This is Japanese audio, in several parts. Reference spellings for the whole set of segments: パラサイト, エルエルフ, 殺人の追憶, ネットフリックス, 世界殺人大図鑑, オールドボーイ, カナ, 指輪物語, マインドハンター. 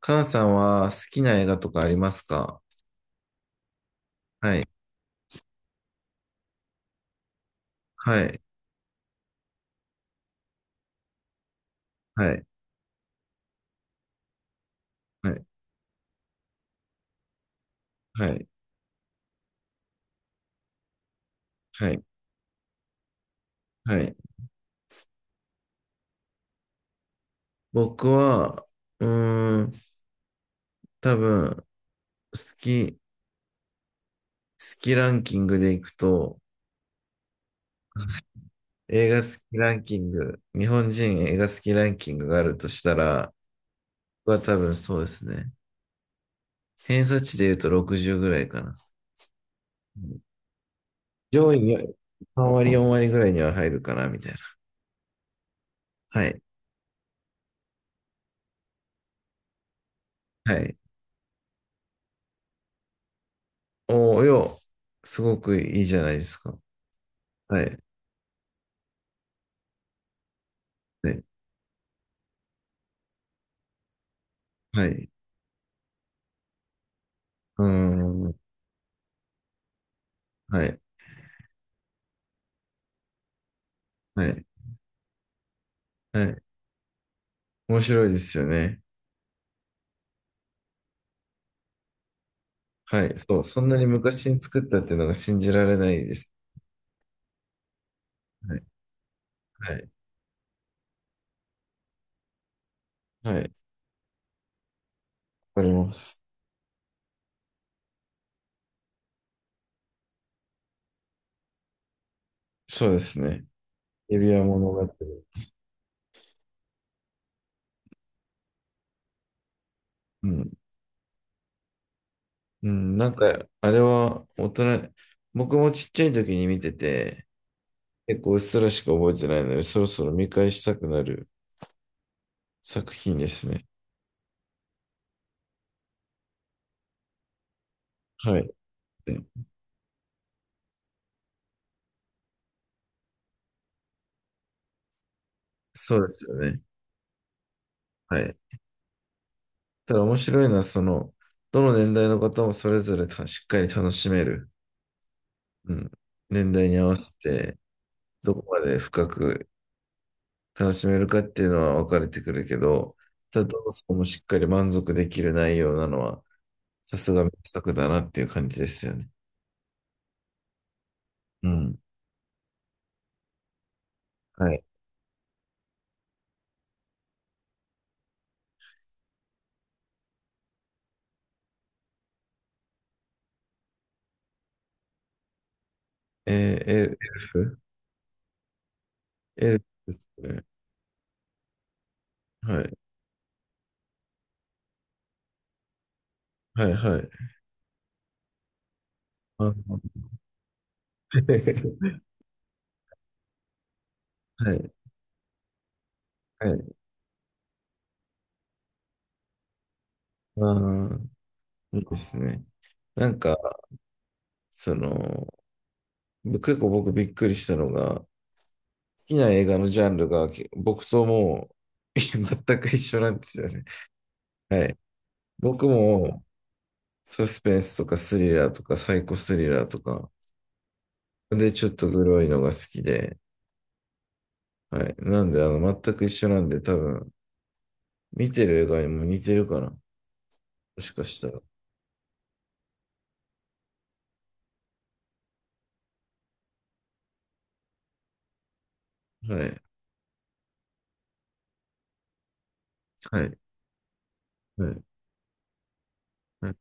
カナさんは好きな映画とかありますか？はい、はい、はい、はい、はい、はい、はい。僕は、うーん、多分、好きランキングでいくと、映画好きランキング、日本人映画好きランキングがあるとしたら、僕は多分そうですね。偏差値で言うと60ぐらいかな。うん、上位に3割、4割ぐらいには入るかな、みたいな。はい、はい。おーよ、すごくいいじゃないですか。はい。はい。はい。うーん。はい。はい。はい。面白いですよね。はい。そう。そんなに昔に作ったっていうのが信じられないです。はい。はい。はい。わかります。そうですね。指輪物語。うん。うん。なんか、あれは大人、僕もちっちゃい時に見てて、結構うっすらしか覚えてないので、そろそろ見返したくなる作品ですね。はい。で、そうですよね。はい。ただ面白いのは、どの年代の方もそれぞれたしっかり楽しめる、うん、年代に合わせて、どこまで深く楽しめるかっていうのは分かれてくるけど、ただ、どうしてもしっかり満足できる内容なのは、さすが名作だなっていう感じですよね。うん。はい。えー、エルエルフエルフですね。はい。はい、はい。あの はい、はい。ああ、いいですね。なんか、その、結構僕びっくりしたのが、好きな映画のジャンルがけ僕ともう 全く一緒なんですよね。はい。僕もサスペンスとかスリラーとかサイコスリラーとか、で、ちょっとグロいのが好きで、はい。なんで、全く一緒なんで、多分、見てる映画にも似てるかな。もしかしたら。はい。はい。はい。はい。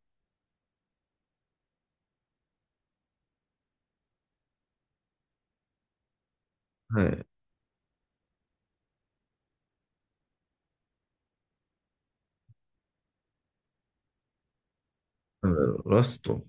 はい。なんだろう、ラスト。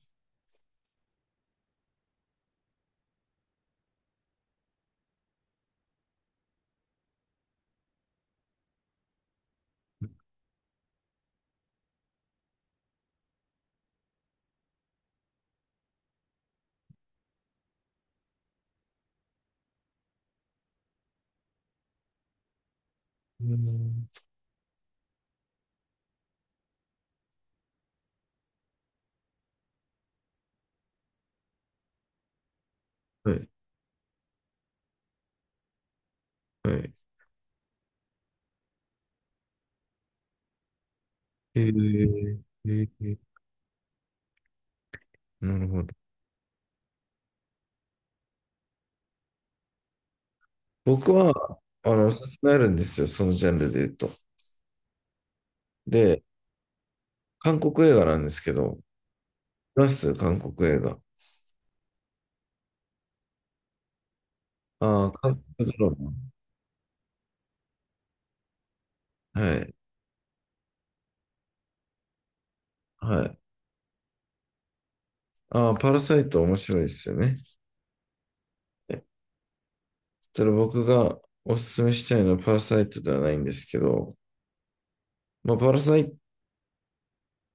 うん、はい。はい。えー、えー、なるほど。僕は、おすすめあるんですよ、そのジャンルで言うと。で、韓国映画なんですけど、見ます韓国映画。ああ、韓国ドラマ。はい。はい。ああ、パラサイト面白いですよね。えそれ僕がおすすめしたいのはパラサイトではないんですけど、まあ、パラサイ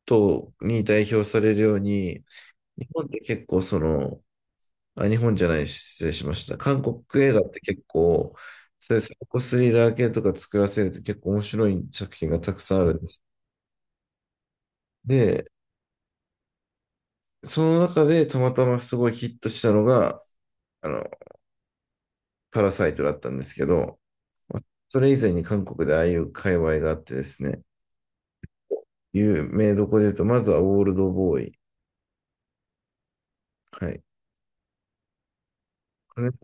トに代表されるように、日本って結構あ、日本じゃない、失礼しました。韓国映画って結構、そういうサイコスリラー系とか作らせると結構面白い作品がたくさんあるんです。で、その中でたまたますごいヒットしたのが、あの、パラサイトだったんですけど、それ以前に韓国でああいう界隈があってですね、有名どこで言うと、まずはオールドボーイ。はい。これ面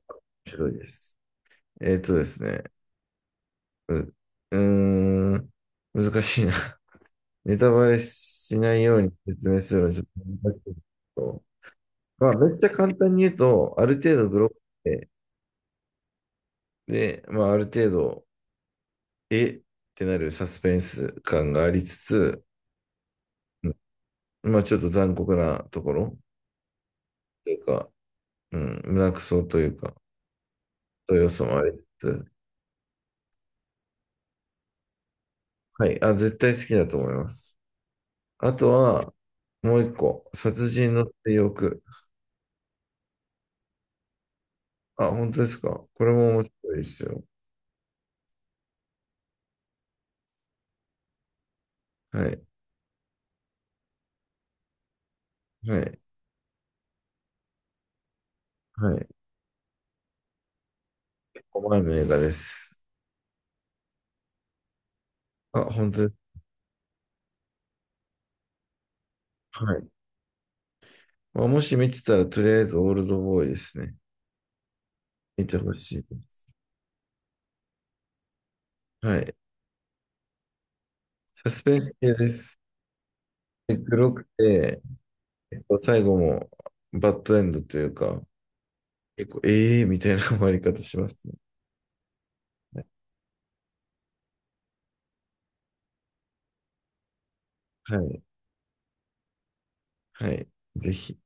白いです。ですね、うーん、難しいな。ネタバレしないように説明するのちょっと難しいけど、まあ、めっちゃ簡単に言うと、ある程度グロくて、で、まあ、ある程度、えってなるサスペンス感がありつつ、うん、まあ、ちょっと残酷なところというか、うん、胸くそというか、そういう要素もありつつ、はい、あ、絶対好きだと思います。あとは、もう一個、殺人の追憶。あ、本当ですか？これも面白いですよ。はい、はい、はい。5枚の映画です。あ、本当です。はい。まあ、もし見てたら、とりあえずオールドボーイですね。見てほしいです。はい。サスペンス系です。で黒くて、最後もバッドエンドというか、結構、ええー、みたいな終わり方しますね。はい。はい。ぜひ。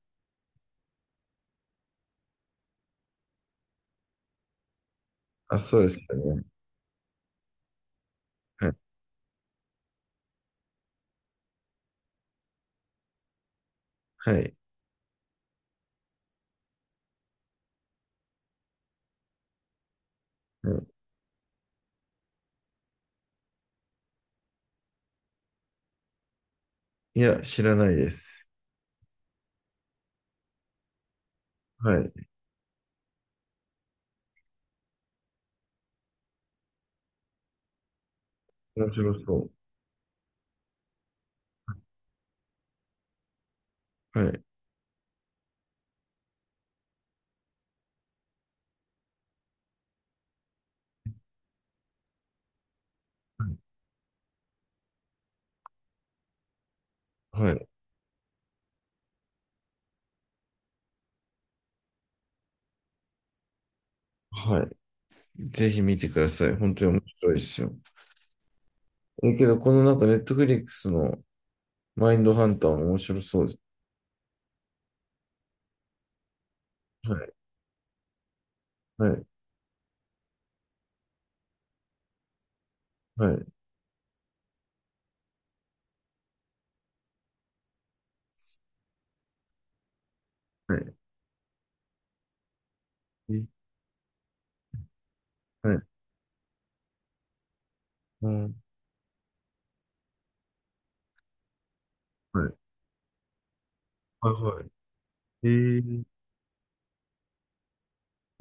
あ、そうですよね。はい。はい。はい。いや、知らないです。はい。面白そう。はい。はい。はい。はい、ぜひ見てください。本当に面白いですよ。けど、このなんか、ネットフリックスのマインドハンター面白そうです。はい、はい、はい、はい。えはい、うん、はい、はい、はい。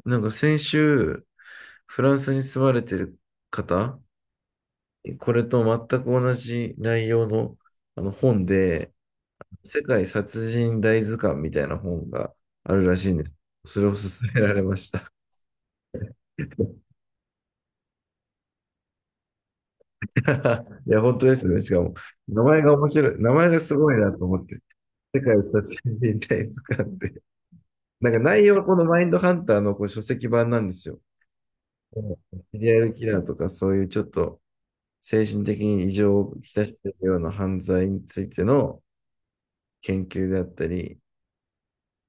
なんか先週、フランスに住まれてる方、これと全く同じ内容の、あの本で、世界殺人大図鑑みたいな本があるらしいんです。それを勧められました。いや、本当ですね。しかも、名前が面白い。名前がすごいなと思って。世界殺人大図鑑ってなんか内容はこのマインドハンターのこう書籍版なんですよ。うん、シリアルキラーとかそういうちょっと精神的に異常をきたしているような犯罪についての研究であったり、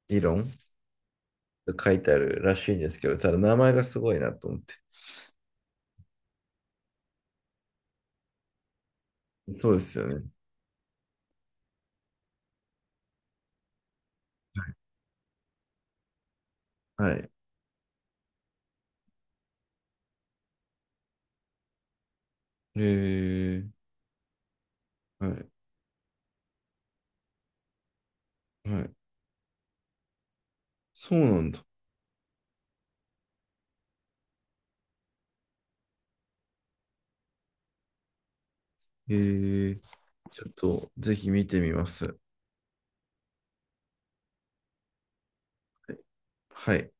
議論が書いてあるらしいんですけど、ただ名前がすごいなと思って。そうですよね。はい。へえ、はい、はい。そうなんだ。へえ、ちょっとぜひ見てみます。はい。